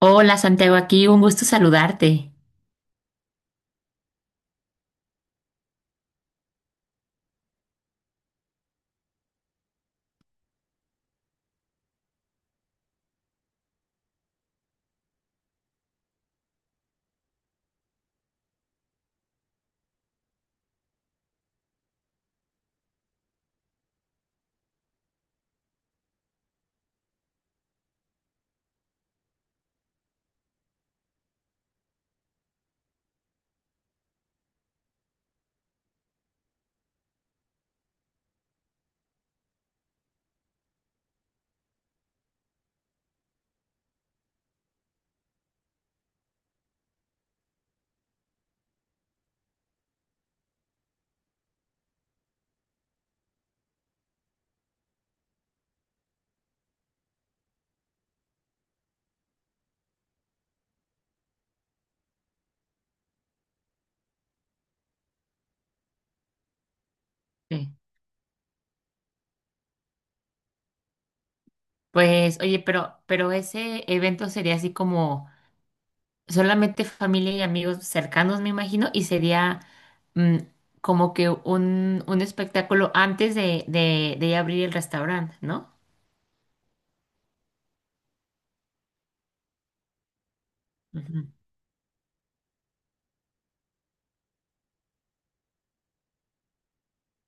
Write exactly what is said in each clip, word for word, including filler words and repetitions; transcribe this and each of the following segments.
Hola Santiago, aquí un gusto saludarte. Sí. Pues oye, pero pero ese evento sería así como solamente familia y amigos cercanos, me imagino, y sería mm, como que un, un espectáculo antes de, de, de abrir el restaurante, ¿no? Ujú.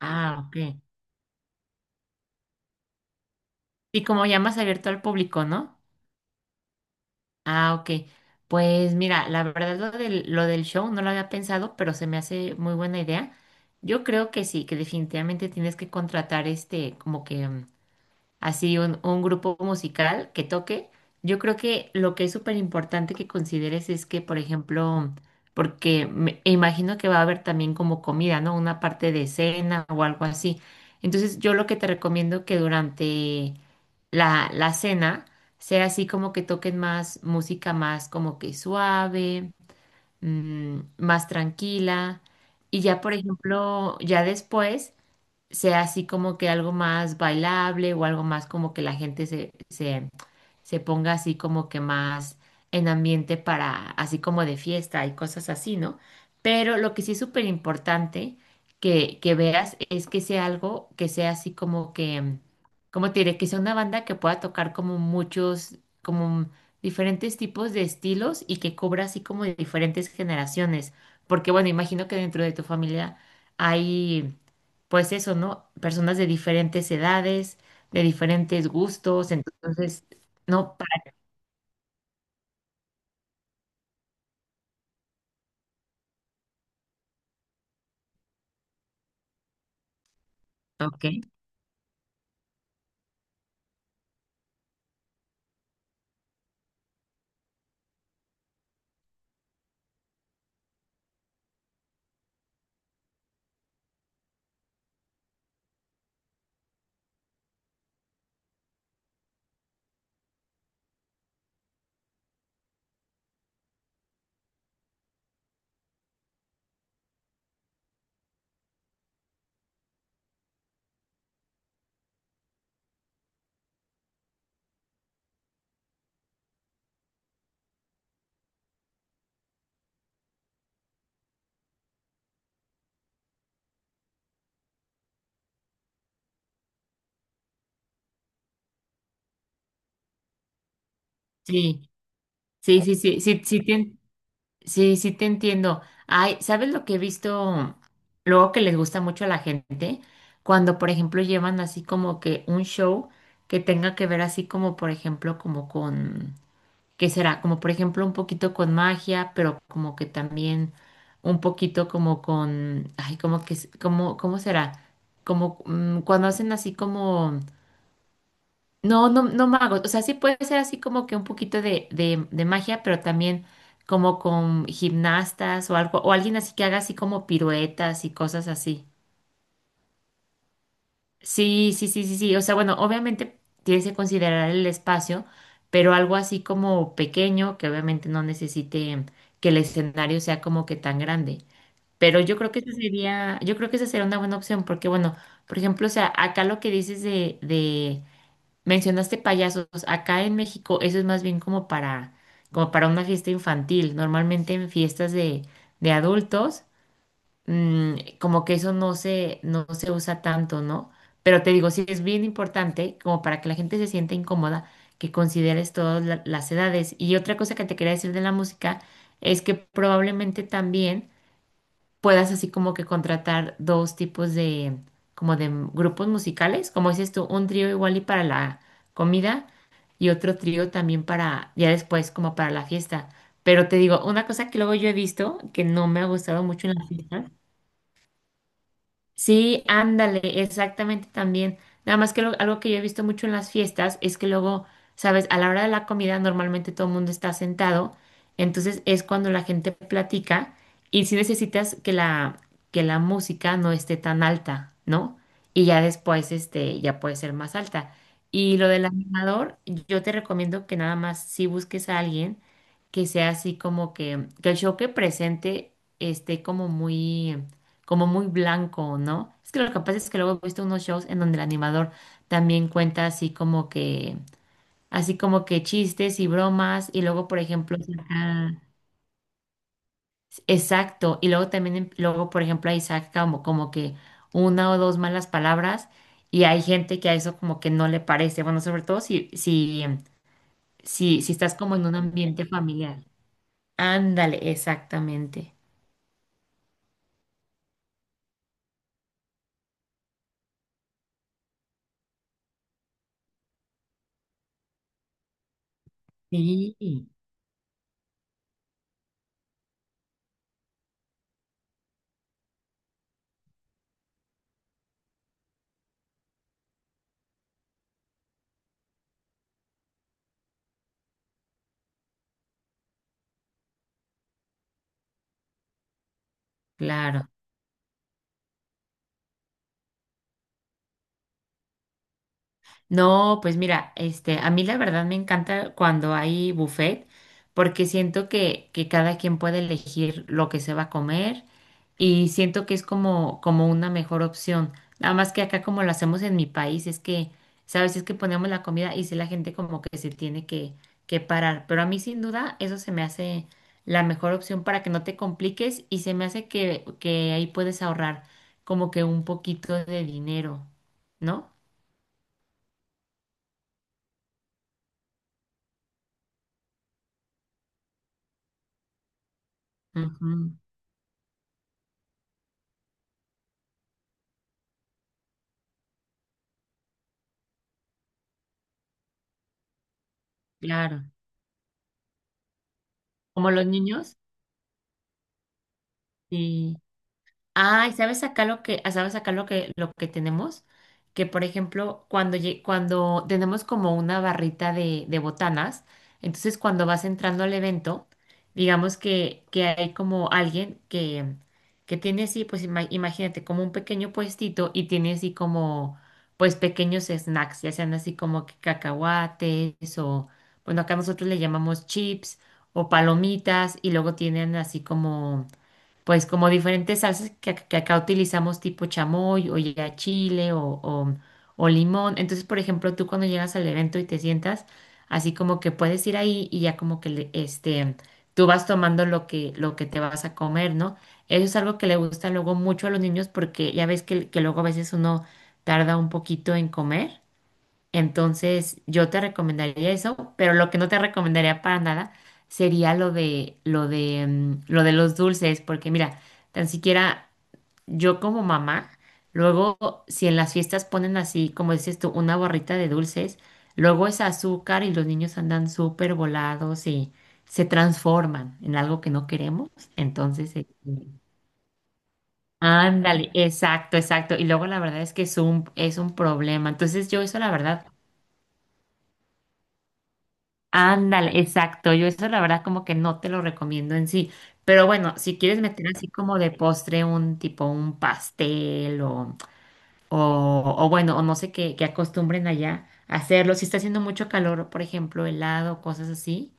Ah, ok. Y como ya más abierto al público, ¿no? Ah, ok. Pues mira, la verdad lo del, lo del show no lo había pensado, pero se me hace muy buena idea. Yo creo que sí, que definitivamente tienes que contratar este, como que así un, un grupo musical que toque, yo creo que lo que es súper importante que consideres es que, por ejemplo, porque me e imagino que va a haber también como comida, ¿no? Una parte de cena o algo así. Entonces, yo lo que te recomiendo que durante la, la cena sea así como que toquen más música más como que suave, mm, más tranquila. Y ya, por ejemplo, ya después sea así como que algo más bailable o algo más como que la gente se, se, se ponga así como que más en ambiente para, así como de fiesta y cosas así, ¿no? Pero lo que sí es súper importante que, que veas es que sea algo que sea así como que, como te diré, que sea una banda que pueda tocar como muchos, como diferentes tipos de estilos y que cubra así como de diferentes generaciones. Porque bueno, imagino que dentro de tu familia hay pues eso, ¿no? Personas de diferentes edades, de diferentes gustos, entonces, no, para, ok, sí, sí, sí, sí, sí, sí, te, en- sí, sí te entiendo. Ay, ¿sabes lo que he visto luego que les gusta mucho a la gente? Cuando, por ejemplo, llevan así como que un show que tenga que ver así como, por ejemplo, como con que será como por ejemplo un poquito con magia, pero como que también un poquito como con, ay, como que, es- como, ¿cómo será? Como mm, cuando hacen así como, no, no, no magos, o sea, sí puede ser así como que un poquito de, de, de magia, pero también como con gimnastas o algo, o alguien así que haga así como piruetas y cosas así. Sí, sí, sí, sí, sí. O sea, bueno, obviamente tienes que considerar el espacio, pero algo así como pequeño, que obviamente no necesite que el escenario sea como que tan grande. Pero yo creo que esa sería, yo creo que esa sería una buena opción, porque bueno, por ejemplo, o sea, acá lo que dices de, de, mencionaste payasos, acá en México eso es más bien como para, como para una fiesta infantil. Normalmente en fiestas de, de adultos mm, como que eso no se, no se usa tanto, ¿no? Pero te digo, sí es bien importante, como para que la gente se sienta incómoda, que consideres todas la- las edades. Y otra cosa que te quería decir de la música es que probablemente también puedas así como que contratar dos tipos de, como de m- grupos musicales, como dices tú, un trío igual y para la comida y otro trío también para, ya después, como para la fiesta. Pero te digo, una cosa que luego yo he visto que no me ha gustado mucho en la fiesta. Sí, ándale, exactamente también. Nada más que lo- algo que yo he visto mucho en las fiestas es que luego, sabes, a la hora de la comida normalmente todo el mundo está sentado, entonces es cuando la gente platica y si necesitas que la, que la música no esté tan alta, ¿no? Y ya después, este, ya puede ser más alta. Y lo del animador, yo te recomiendo que nada más si busques a alguien que sea así como que, que el show que presente esté como muy como muy blanco, ¿no? Es que lo que pasa es que luego he visto unos shows en donde el animador también cuenta así como que, así como que chistes y bromas, y luego, por ejemplo, saca- exacto, y luego también, em- luego, por ejemplo, ahí saca como, como que una o dos malas palabras, y hay gente que a eso como que no le parece, bueno, sobre todo si, si, si, si estás como en un ambiente familiar. Ándale, exactamente. Sí, claro. No, pues mira, este, a mí la verdad me encanta cuando hay buffet porque siento que, que cada quien puede elegir lo que se va a comer y siento que es como, como una mejor opción. Nada más que acá como lo hacemos en mi país es que, sabes, es que ponemos la comida y si la gente como que se tiene que, que parar. Pero a mí sin duda eso se me hace la mejor opción para que no te compliques y se me hace que, que ahí puedes ahorrar como que un poquito de dinero, ¿no? Ujú. Claro, como los niños, y ay, ¿sabes acá lo que, ah, sabes acá lo que, lo que tenemos? Que por ejemplo, cuando, lle- cuando tenemos como una barrita de, de botanas, entonces cuando vas entrando al evento, digamos que, que hay como alguien que, que tiene así, pues ima- imagínate, como un pequeño puestito y tiene así como, pues pequeños snacks, ya sean así como que cacahuates o, bueno, acá nosotros le llamamos chips o palomitas y luego tienen así como pues como diferentes salsas que, que acá utilizamos tipo chamoy o ya chile o, o, o limón. Entonces, por ejemplo, tú cuando llegas al evento y te sientas, así como que puedes ir ahí y ya como que le- este, tú vas tomando lo que, lo que te vas a comer, ¿no? Eso es algo que le gusta luego mucho a los niños porque ya ves que, que luego a veces uno tarda un poquito en comer. Entonces, yo te recomendaría eso, pero lo que no te recomendaría para nada sería lo de lo de mm, lo de los dulces, porque mira, tan siquiera yo como mamá, luego si en las fiestas ponen así, como dices tú, una barrita de dulces, luego es azúcar y los niños andan súper volados y se transforman en algo que no queremos, entonces este, ándale, exacto, exacto. Y luego la verdad es que es un, es un problema. Entonces yo eso la verdad ándale, exacto. Yo eso la verdad como que no te lo recomiendo en sí. Pero bueno, si quieres meter así como de postre un tipo un pastel o, o, o bueno, o no sé qué, qué acostumbren allá a hacerlo. Si está haciendo mucho calor, por ejemplo, helado, cosas así.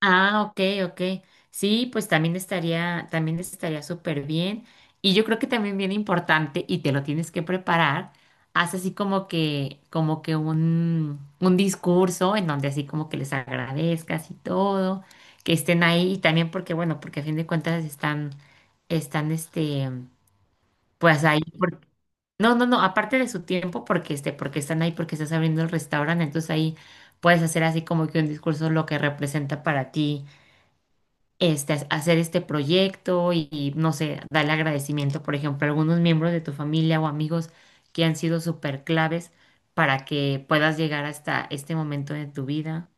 Ah, ok, ok. Sí, pues también estaría, también estaría súper bien. Y yo creo que también bien importante, y te lo tienes que preparar, haz así como que, como que un, un discurso en donde así como que les agradezcas y todo, que estén ahí, y también porque, bueno, porque a fin de cuentas están, están este, pues ahí por- no, no, no, aparte de su tiempo, porque este, porque están ahí, porque estás abriendo el restaurante, entonces ahí puedes hacer así como que un discurso lo que representa para ti este, hacer este proyecto y, y, no sé, darle agradecimiento, por ejemplo, a algunos miembros de tu familia o amigos que han sido súper claves para que puedas llegar hasta este momento de tu vida.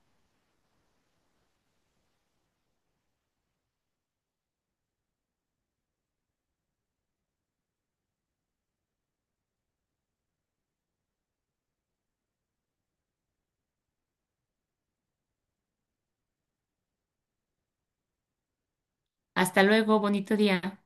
Hasta luego, bonito día.